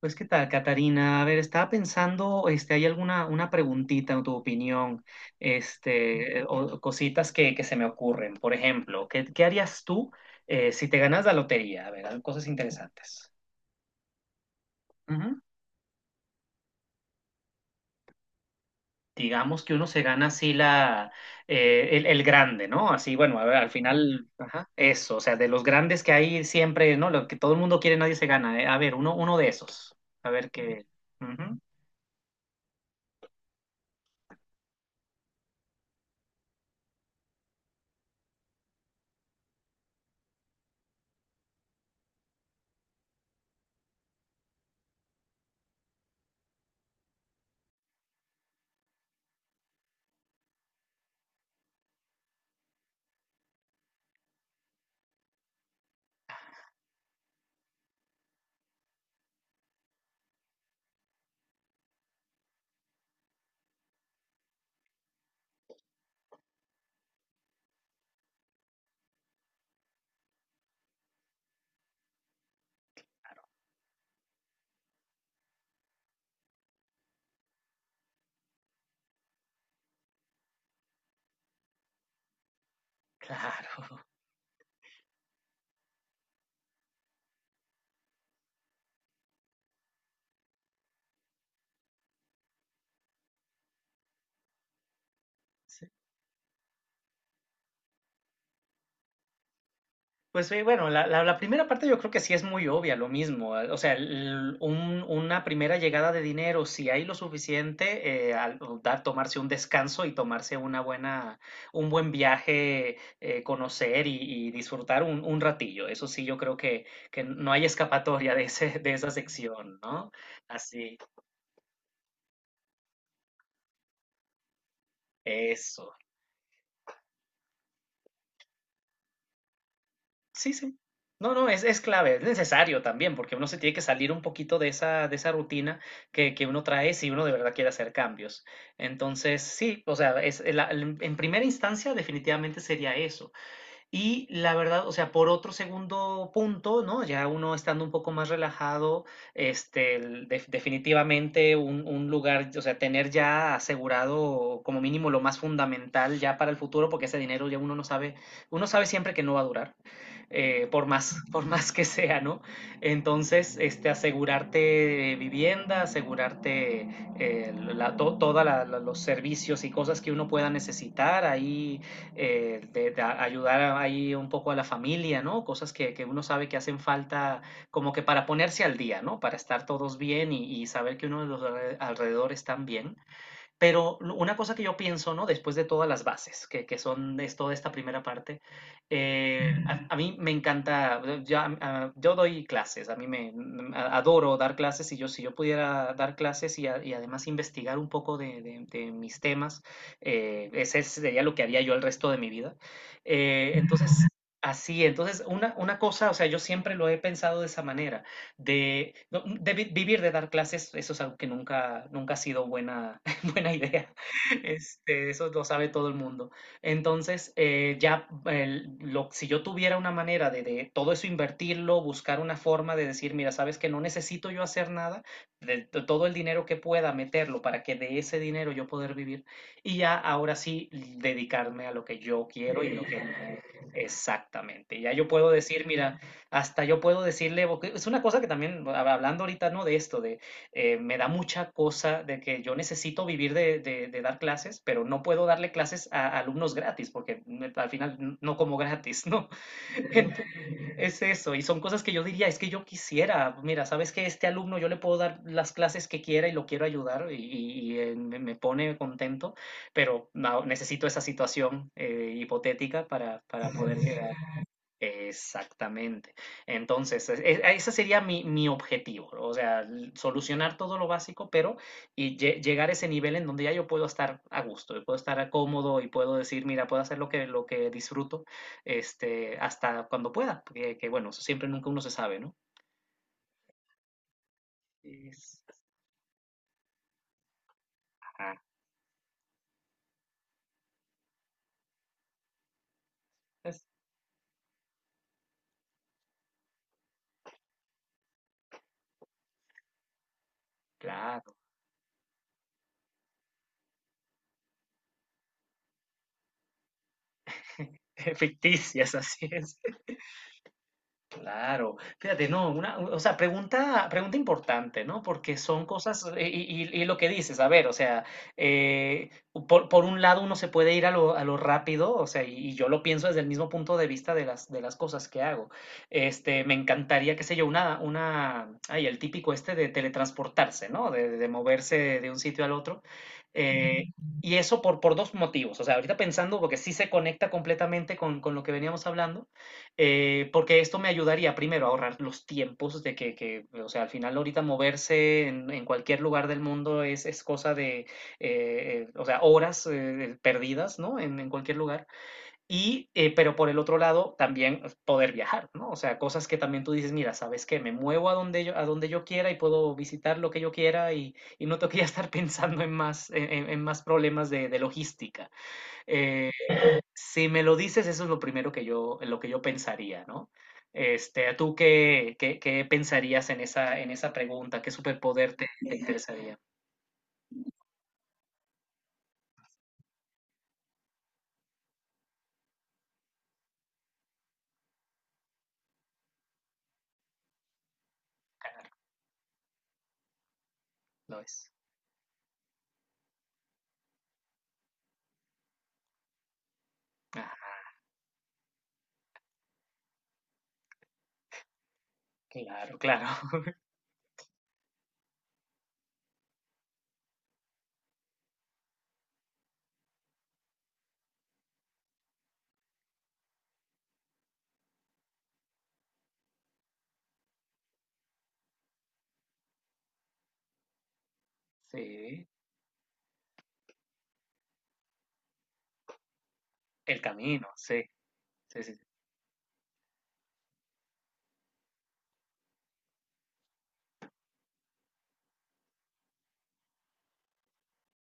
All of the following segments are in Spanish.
¿Qué tal, Catarina? A ver, estaba pensando, este, ¿hay alguna una preguntita en tu opinión? O cositas que se me ocurren. Por ejemplo, ¿qué harías tú si te ganas la lotería? A ver, hay cosas interesantes. Ujú. Digamos que uno se gana así el grande, ¿no? Así, bueno, a ver, al final, ajá, eso, o sea, de los grandes que hay siempre, ¿no? Lo que todo el mundo quiere, nadie se gana. A ver, uno de esos. A ver qué. Ujú. Claro. Pues sí, bueno, la primera parte yo creo que sí es muy obvia, lo mismo. O sea, una primera llegada de dinero, si hay lo suficiente, o dar, tomarse un descanso y tomarse una buena, un buen viaje, conocer y disfrutar un ratillo. Eso sí, yo creo que no hay escapatoria de ese, de esa sección, ¿no? Así, eso. Sí, sí. No, no, es clave, es necesario también, porque uno se tiene que salir un poquito de esa rutina que uno trae si uno de verdad quiere hacer cambios. Entonces, sí, o sea, es, en primera instancia definitivamente sería eso, y la verdad, o sea, por otro segundo punto, ¿no? Ya uno estando un poco más relajado, definitivamente un lugar, o sea, tener ya asegurado como mínimo lo más fundamental ya para el futuro, porque ese dinero ya uno no sabe, uno sabe siempre que no va a durar, por más, por más que sea, ¿no? Entonces, este, asegurarte vivienda, asegurarte toda los servicios y cosas que uno pueda necesitar ahí de ayudar ahí un poco a la familia, ¿no? Cosas que uno sabe que hacen falta como que para ponerse al día, ¿no? Para estar todos bien y saber que uno de los alrededor están bien. Pero una cosa que yo pienso, ¿no? Después de todas las bases, que son de toda esta primera parte, mí me encanta, ya, yo doy clases, a mí me mm, a, adoro dar clases y yo si yo pudiera dar clases y además investigar un poco de mis temas, ese sería lo que haría yo el resto de mi vida. Eh, entonces, Así, entonces, cosa, o sea, yo siempre lo he pensado de esa manera, de, no, de, vi- vivir de dar clases, eso es algo que nunca, nunca ha sido buena, buena idea. Este, eso lo sabe todo el mundo. Entonces, si yo tuviera una manera de todo eso invertirlo, buscar una forma de decir, mira, sabes que no necesito yo hacer nada, todo el dinero que pueda meterlo para que de ese dinero yo poder vivir y ya ahora sí dedicarme a lo que yo quiero y lo que me... Exactamente. Ya yo puedo decir, mira, hasta yo puedo decirle, porque es una cosa que también, hablando ahorita, ¿no? De esto, de me da mucha cosa de que yo necesito vivir de dar clases, pero no puedo darle clases a alumnos gratis, porque al final no como gratis, ¿no? Ent- Es eso, y son cosas que yo diría, es que yo quisiera, mira, sabes que este alumno yo le puedo dar las clases que quiera y lo quiero ayudar y me pone contento, pero no, necesito esa situación hipotética para poder llegar. Exactamente. Entonces, ese sería mi, mi objetivo, ¿no? O sea, solucionar todo lo básico, pero y llegar a ese nivel en donde ya yo puedo estar a gusto, y puedo estar a cómodo y puedo decir, mira, puedo hacer lo que disfruto, este, hasta cuando pueda, porque, que bueno, eso siempre nunca uno se sabe, ¿no? Es, ajá, es- claro, ficticias, así es. Claro, fíjate, no, una, o sea, pregunta, pregunta importante, ¿no? Porque son cosas, y lo que dices, a ver, o sea, eh, por un lado uno se puede ir a lo rápido, o sea, y yo lo pienso desde el mismo punto de vista de las cosas que hago. Este, me encantaría, qué sé yo, el típico este de teletransportarse, ¿no? De moverse de un sitio al otro. eh, y eso por dos motivos, o sea, ahorita pensando, porque sí se conecta completamente con lo que veníamos hablando. Porque esto me ayudaría primero a ahorrar los tiempos de que o sea, al final ahorita moverse en cualquier lugar del mundo es cosa de o sea, horas perdidas, ¿no? En cualquier lugar. Pero por el otro lado, también poder viajar, ¿no? O sea, cosas que también tú dices, mira, ¿sabes qué? Me muevo a donde yo quiera y puedo visitar lo que yo quiera y no tengo que ya estar pensando en más, en más problemas de logística. Eh, si me lo dices, eso es lo primero que yo, lo que yo pensaría, ¿no? Este, tú ¿qué pensarías en esa pregunta? ¿Qué superpoder te interesaría? Lo es. Ah, claro, claro. Sí, el camino, sí, sí, sí.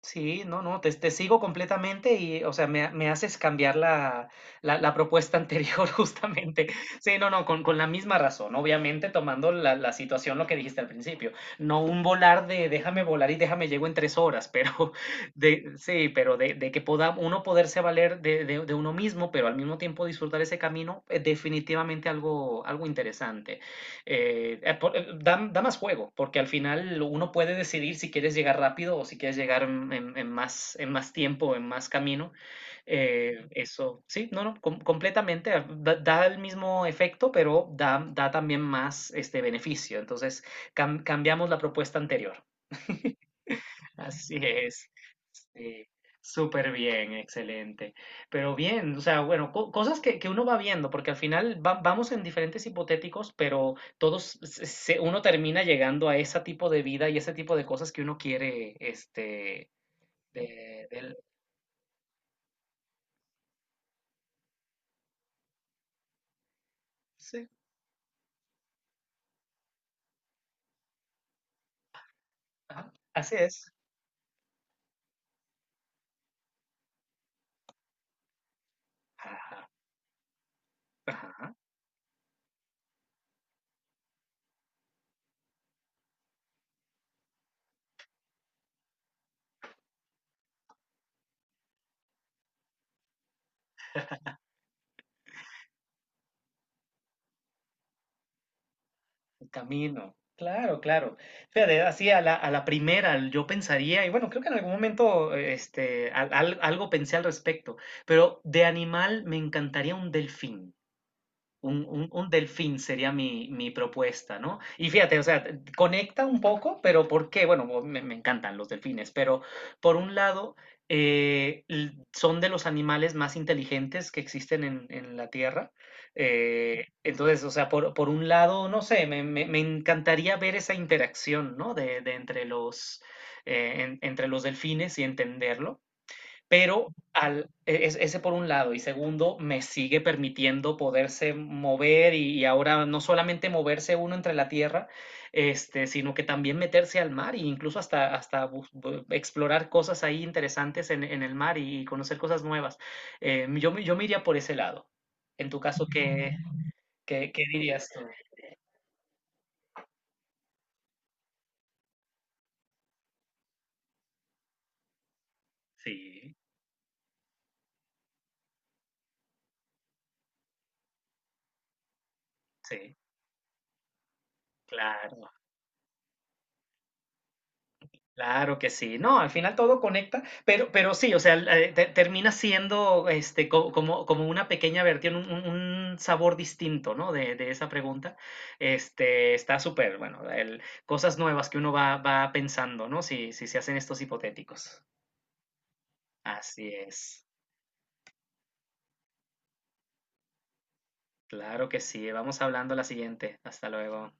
Sí, no, no, te sigo completamente y, o sea, me haces cambiar la propuesta anterior justamente. Sí, no, no, con la misma razón, obviamente tomando la, la situación, lo que dijiste al principio. No un volar de déjame volar y déjame llego en tres horas, pero de, sí, pero de que pueda uno poderse valer de uno mismo, pero al mismo tiempo disfrutar ese camino, es definitivamente algo, algo interesante. Da, da más juego, porque al final uno puede decidir si quieres llegar rápido o si quieres llegar en, en más tiempo, en más camino. Sí, no, no, completamente. Da, da el mismo efecto, pero da, da también más este beneficio. Entonces, cambiamos la propuesta anterior. Así es. Sí, súper bien, excelente. Pero bien, o sea, bueno, cosas que uno va viendo, porque al final vamos en diferentes hipotéticos, pero todos, uno termina llegando a ese tipo de vida y ese tipo de cosas que uno quiere, este, de, del, sí, ajá, así es. Ajá, ajá. El camino. Claro, claro. Fíjate, así a la primera yo pensaría, y bueno, creo que en algún momento algo pensé al respecto, pero de animal me encantaría un delfín. Un, un delfín sería mi, mi propuesta, ¿no? Y fíjate, o sea, conecta un poco, pero ¿por qué? Bueno, me encantan los delfines, pero por un lado, son de los animales más inteligentes que existen en la Tierra. Entonces, o sea, por un lado, no sé, me encantaría ver esa interacción, ¿no? De entre los, entre los delfines y entenderlo, pero ese por un lado, y segundo, me sigue permitiendo poderse mover y ahora no solamente moverse uno entre la tierra, este, sino que también meterse al mar e incluso hasta, hasta explorar cosas ahí interesantes en el mar y, conocer cosas nuevas. Yo me iría por ese lado. En tu caso, ¿qué dirías tú? Sí, sí, claro. Claro que sí, no, al final todo conecta, pero sí, o sea, termina siendo este, como como una pequeña versión, un sabor distinto, ¿no? De esa pregunta. Este, está súper, bueno, cosas nuevas que uno va pensando, ¿no? Si, si se hacen estos hipotéticos. Así es, claro que sí, vamos hablando a la siguiente. Hasta luego.